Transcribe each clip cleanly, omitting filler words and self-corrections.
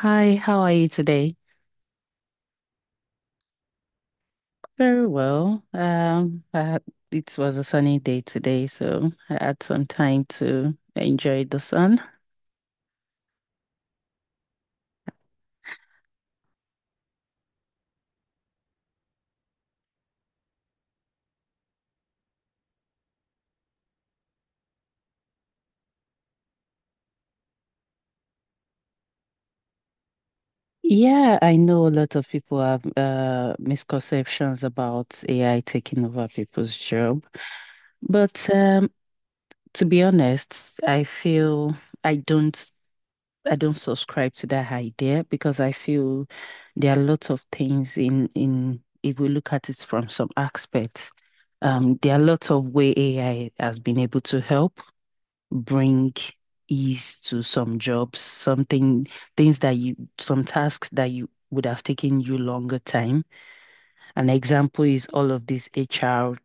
Hi, how are you today? Very well. It was a sunny day today, so I had some time to enjoy the sun. Yeah, I know a lot of people have misconceptions about AI taking over people's job, but to be honest, I feel I don't. I don't subscribe to that idea because I feel there are lots of things in, if we look at it from some aspects, there are lots of way AI has been able to help bring ease to some jobs, something things that you some tasks that you would have taken you longer time. An example is all of this HR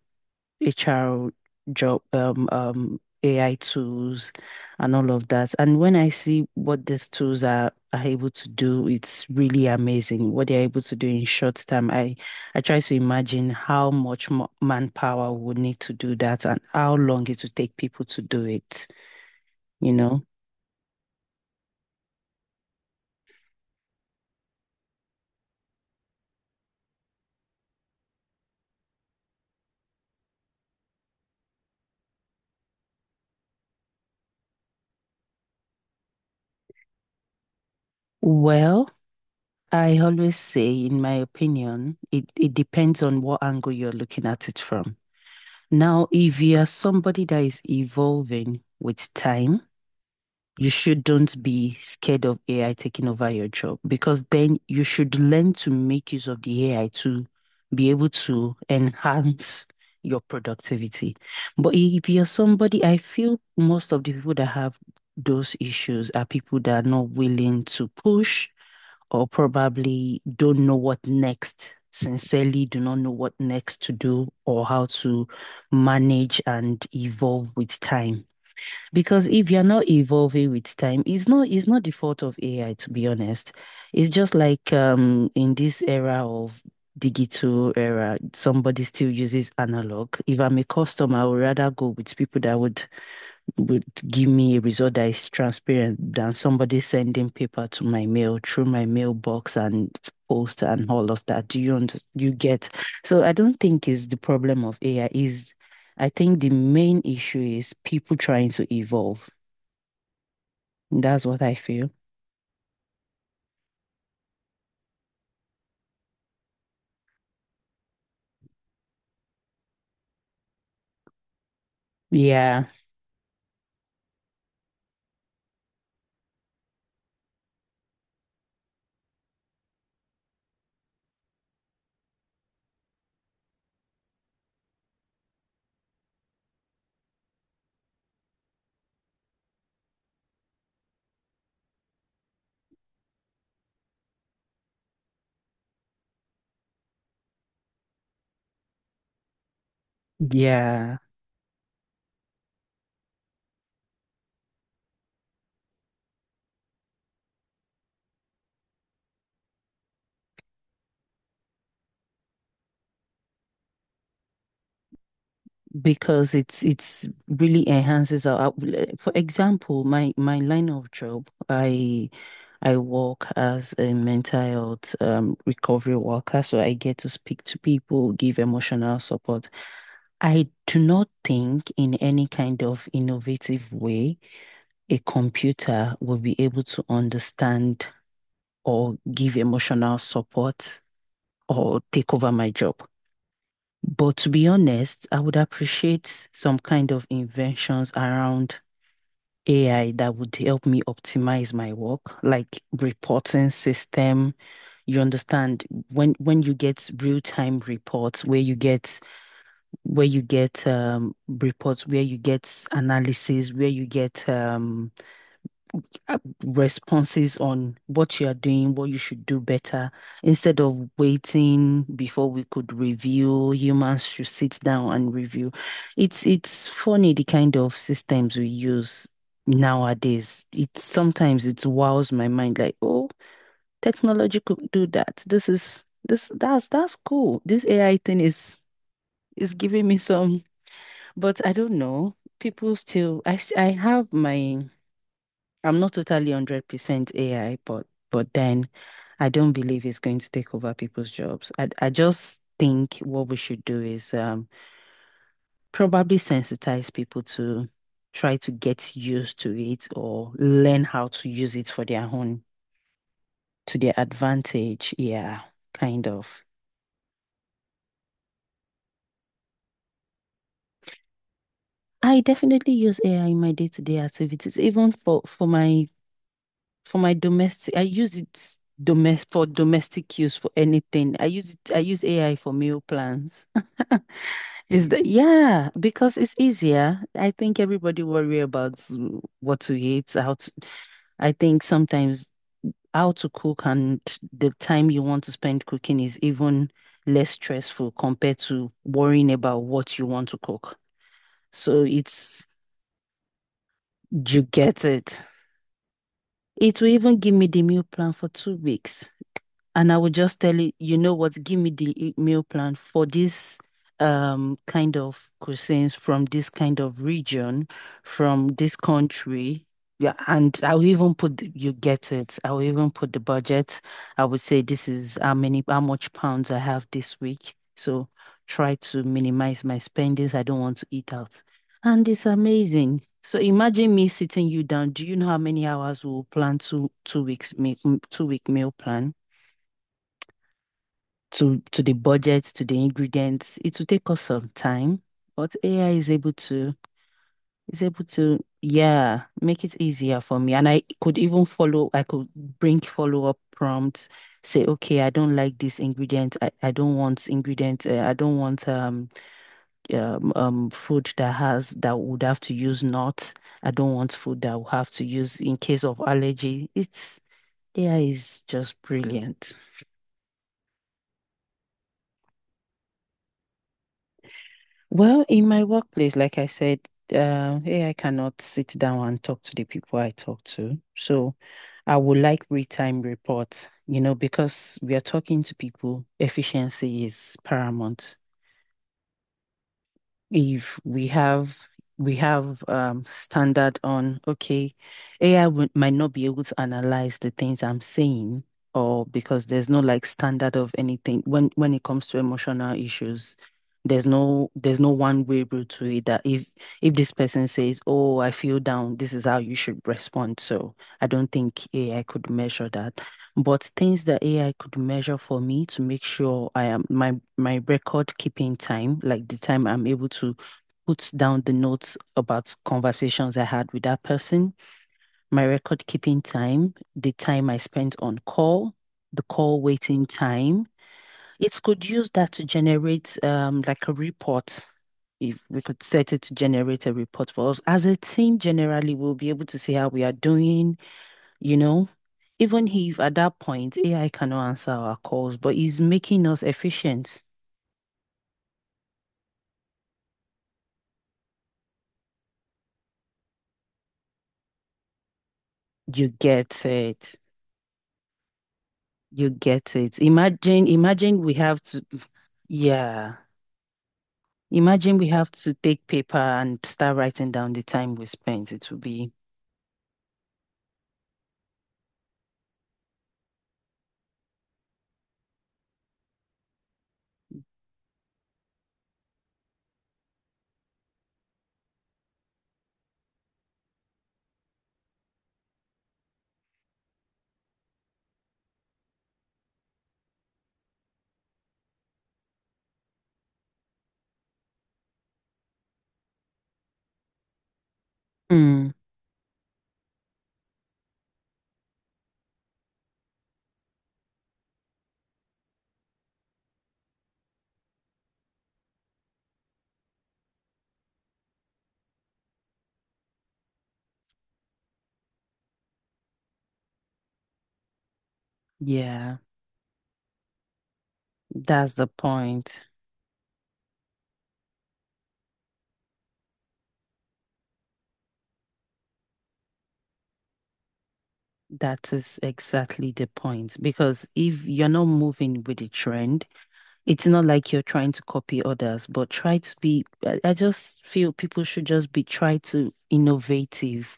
HR job, AI tools and all of that. And when I see what these tools are able to do, it's really amazing what they're able to do in short time. I try to imagine how much manpower would need to do that and how long it would take people to do it, you know? Well, I always say, in my opinion, it depends on what angle you're looking at it from. Now, if you are somebody that is evolving with time, you shouldn't be scared of AI taking over your job because then you should learn to make use of the AI to be able to enhance your productivity. But if you're somebody, I feel most of the people that have those issues are people that are not willing to push or probably don't know what next, sincerely do not know what next to do or how to manage and evolve with time. Because if you're not evolving with time, it's not the fault of AI, to be honest. It's just like in this era of digital era, somebody still uses analog. If I'm a customer, I would rather go with people that would give me a result that is transparent than somebody sending paper to my mail through my mailbox and post and all of that. Do you you get? So I don't think it's the problem of AI is I think the main issue is people trying to evolve. That's what I feel. Yeah. Yeah, because it's really enhances for example, my line of job, I work as a mental health recovery worker, so I get to speak to people, give emotional support. I do not think in any kind of innovative way a computer will be able to understand or give emotional support or take over my job. But to be honest, I would appreciate some kind of inventions around AI that would help me optimize my work, like reporting system. You understand when you get real-time reports where you get reports where you get analysis where you get uh, responses on what you are doing, what you should do better. Instead of waiting before we could review, humans should sit down and review. It's funny the kind of systems we use nowadays. It sometimes it wows my mind like, oh, technology could do that. This is this that's cool. This AI thing is giving me some, but I don't know. People still, I s- I have my. I'm not totally 100% AI, but then I don't believe it's going to take over people's jobs. I just think what we should do is probably sensitize people to try to get used to it or learn how to use it for their own to their advantage. Yeah, kind of. I definitely use AI in my day-to-day activities, even for my domestic, I use it domestic for domestic use for anything. I use AI for meal plans. Because it's easier. I think everybody worry about what to eat, I think sometimes how to cook and the time you want to spend cooking is even less stressful compared to worrying about what you want to cook. So it's, you get it. It will even give me the meal plan for two weeks. And I would just tell it, you know what, give me the meal plan for this kind of cuisines from this kind of region, from this country. Yeah, and I will even put you get it. I will even put the budget. I would say this is how much pounds I have this week. So try to minimize my spendings. I don't want to eat out. And it's amazing. So imagine me sitting you down. Do you know how many hours we'll plan two-week meal plan? To the budget, to the ingredients. It will take us some time, but AI is able to yeah make it easier for me. And I could even follow. I could bring follow up prompts. Say, okay, I don't like this ingredient. I don't want ingredient. I don't want food that would have to use nuts. I don't want food that will have to use in case of allergy. It's AI is just brilliant. Well, in my workplace, like I said, AI cannot sit down and talk to the people I talk to. So I would like real-time reports, you know, because we are talking to people, efficiency is paramount if we have standard on, okay, AI would, might not be able to analyze the things I'm saying or because there's no like standard of anything when it comes to emotional issues, there's no one way route to it, that if this person says, oh, I feel down, this is how you should respond. So I don't think AI could measure that, but things that AI could measure for me to make sure I am, my record keeping time, like the time I'm able to put down the notes about conversations I had with that person, my record keeping time, the time I spent on call, the call waiting time. It could use that to generate like a report. If we could set it to generate a report for us as a team, generally, we'll be able to see how we are doing, you know? Even if at that point AI cannot answer our calls, but it's making us efficient. You get it. You get it. Imagine we have to, yeah. Imagine we have to take paper and start writing down the time we spent. Mm, yeah, that's the point. That is exactly the point. Because if you're not moving with the trend, it's not like you're trying to copy others, but try to be. I just feel people should just be try to innovative.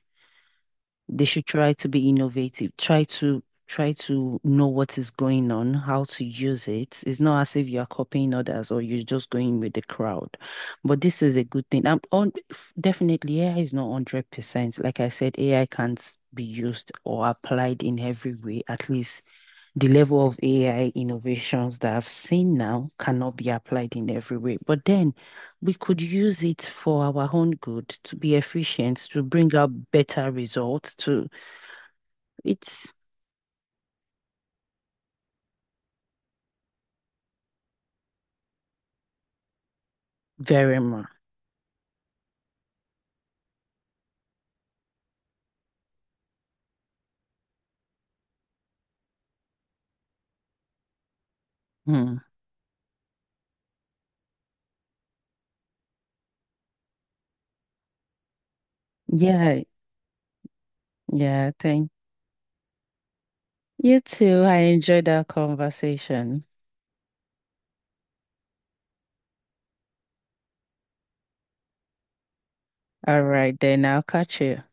They should try to be innovative. Try to know what is going on, how to use it. It's not as if you are copying others or you're just going with the crowd. But this is a good thing. I'm on Definitely AI is not 100%. Like I said, AI can't be used or applied in every way, at least the level of AI innovations that I've seen now cannot be applied in every way. But then we could use it for our own good, to be efficient, to bring out better results, to it's very much. Hmm. Yeah, yeah, thank you too. I enjoyed our conversation. All right, then I'll catch you.